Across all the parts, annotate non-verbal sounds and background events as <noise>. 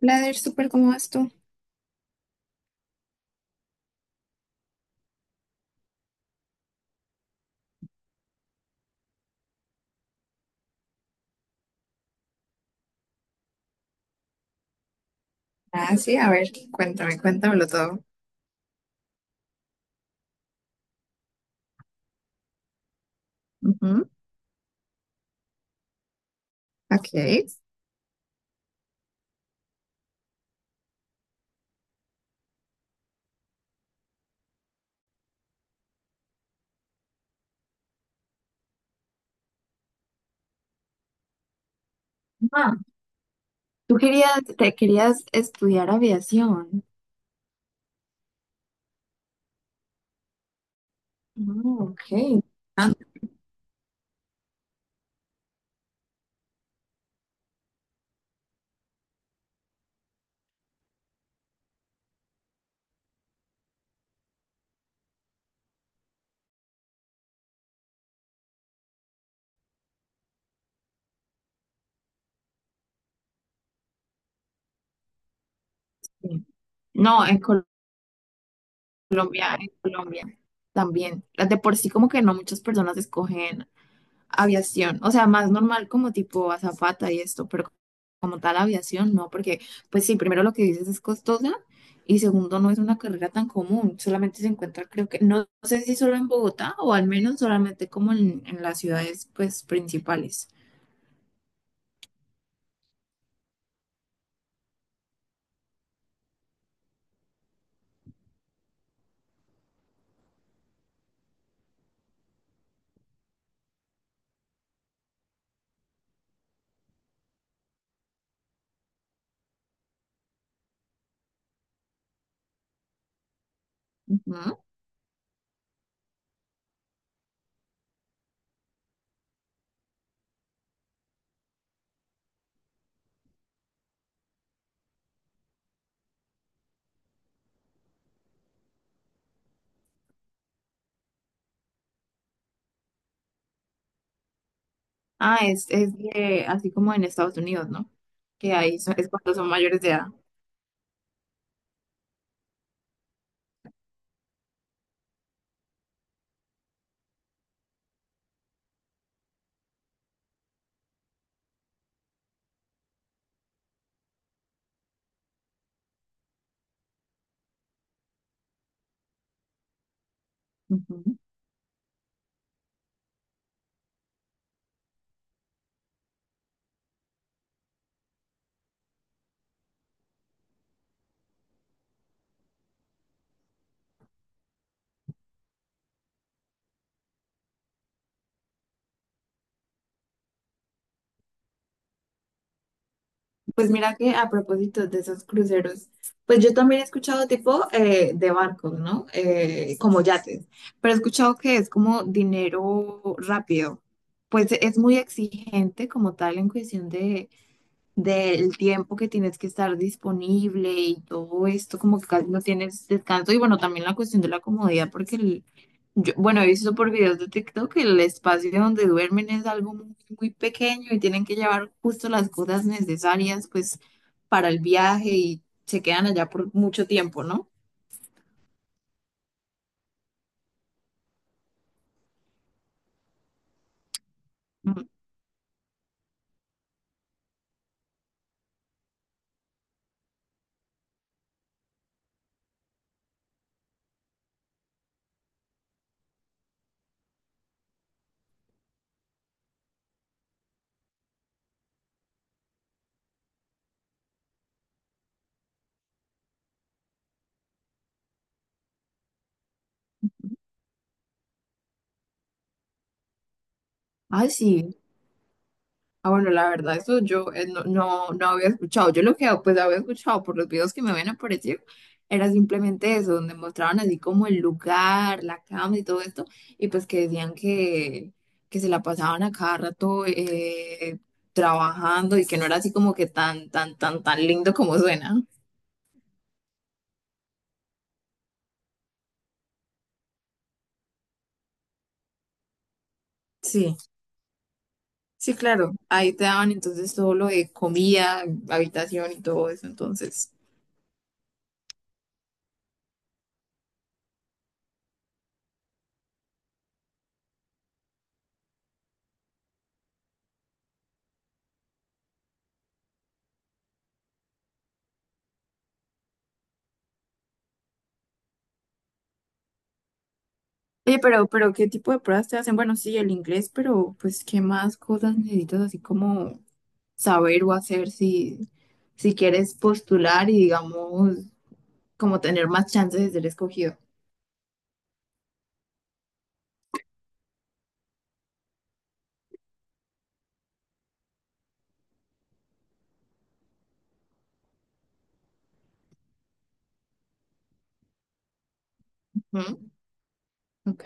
Blader, súper, ¿cómo vas tú? Ah, sí, a ver, cuéntame, cuéntamelo todo. Ujú. Ok. Ah, tú querías, te querías estudiar aviación. Mm, ok. Ah, sí. No, en en Colombia también. Las de por sí como que no muchas personas escogen aviación, o sea, más normal como tipo azafata y esto, pero como tal aviación, no, porque pues sí, primero lo que dices es costosa y segundo no es una carrera tan común, solamente se encuentra creo que, no sé si solo en Bogotá o al menos solamente como en las ciudades pues principales. Ujú. Ah, es, así como en Estados Unidos, ¿no? Que ahí es cuando son mayores de edad. Ujú. Pues mira que a propósito de esos cruceros, pues yo también he escuchado tipo de barcos, ¿no? Como yates, pero he escuchado que es como dinero rápido. Pues es muy exigente como tal en cuestión de del tiempo que tienes que estar disponible y todo esto, como que casi no tienes descanso. Y bueno, también la cuestión de la comodidad, porque yo, bueno, he visto por videos de TikTok que el espacio donde duermen es algo muy, muy pequeño y tienen que llevar justo las cosas necesarias, pues, para el viaje y se quedan allá por mucho tiempo, ¿no? Ujú. Ay, sí. Ah, bueno, la verdad, eso yo no, no, no había escuchado. Yo lo que pues había escuchado por los videos que me habían aparecido era simplemente eso, donde mostraban así como el lugar, la cama y todo esto, y pues que decían que se la pasaban a cada rato trabajando y que no era así como que tan, tan, tan, tan lindo como suena. Sí, sí, claro. Ahí te daban entonces todo lo de comida, habitación y todo eso, entonces. Oye, pero ¿qué tipo de pruebas te hacen? Bueno, sí, el inglés, pero pues ¿qué más cosas necesitas así como saber o hacer si, si quieres postular y digamos como tener más chances de ser escogido? Ujú. Ok.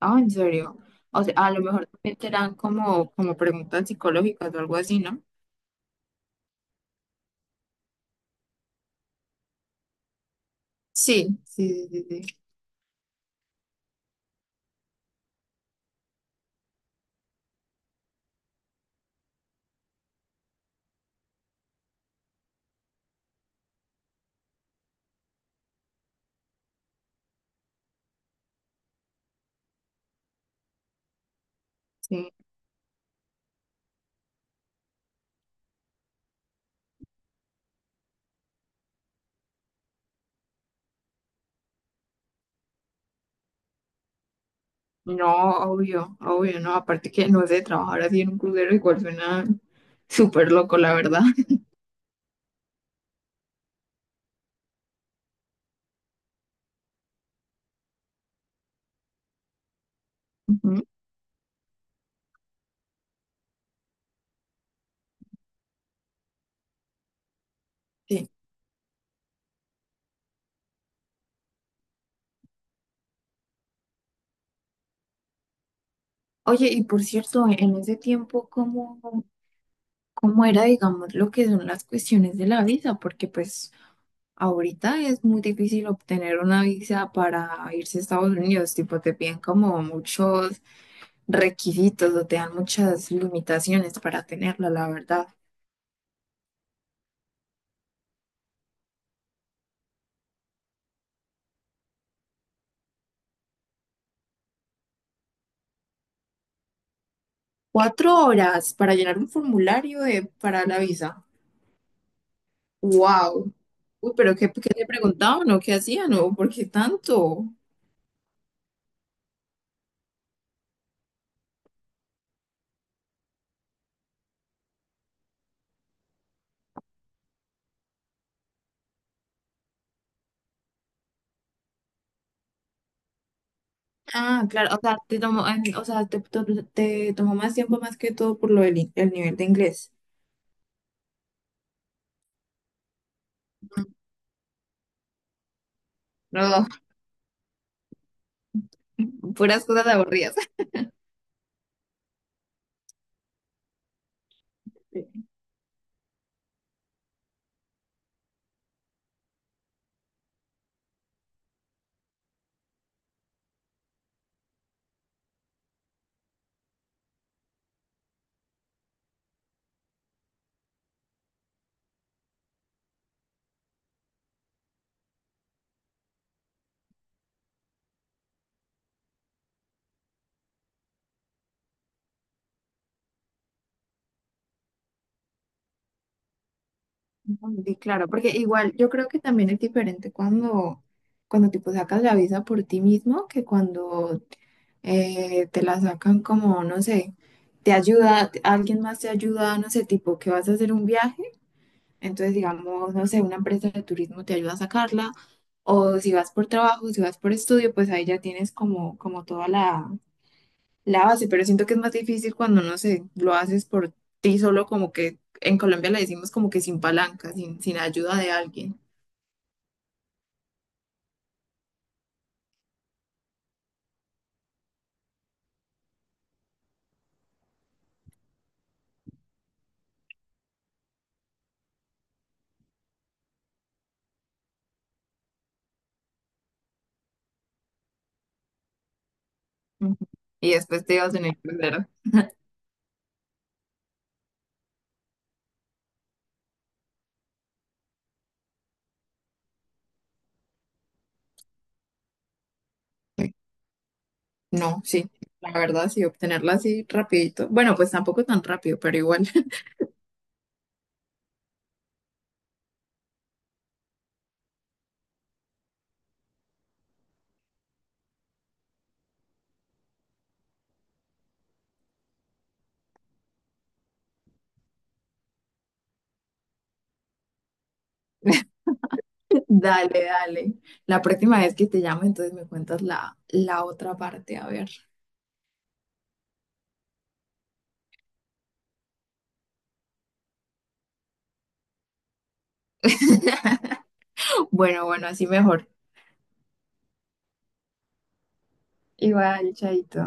Ah, en serio. O sea, a lo mejor también te dan como, como preguntas psicológicas o algo así, ¿no? Sí, sí, sí, sí, sí. Sí. No, obvio, obvio, no. Aparte que no sé, trabajar así en un crucero igual suena súper loco, la verdad. Ujú. <laughs> Sí. Oye, y por cierto, en ese tiempo, ¿cómo, cómo era, digamos, lo que son las cuestiones de la visa? Porque pues ahorita es muy difícil obtener una visa para irse a Estados Unidos, tipo te piden como muchos requisitos o te dan muchas limitaciones para tenerla, la verdad. Cuatro horas para llenar un para la visa. ¡Wow! Uy, pero ¿qué, qué te preguntaban o qué hacían o por qué tanto? Ah, claro, o sea, te tomó, en- o sea, te, to- te tomó más tiempo más que todo por lo el nivel de inglés. No, <laughs> puras cosas aburridas. Sí. <laughs> Sí, claro, porque igual yo creo que también es diferente cuando, cuando tipo sacas la visa por ti mismo que cuando te la sacan como, no sé, te ayuda, alguien más te ayuda, no sé, tipo que vas a hacer un viaje. Entonces, digamos, no sé, una empresa de turismo te ayuda a sacarla, o si vas por trabajo, si vas por estudio, pues ahí ya tienes como, como toda la, la base, pero siento que es más difícil cuando, no sé, lo haces por ti solo, como que en Colombia le decimos como que sin palanca, sin, sin ayuda de alguien. Ujú. Y después te vas a tener que hacer- No, sí, la verdad, sí, obtenerla así rapidito. Bueno, pues tampoco tan rápido, pero igual. <laughs> Dale, dale. La próxima vez que te llame, entonces me cuentas la, la otra parte, a ver. <laughs> Bueno, bueno, así mejor. Igual, chaito.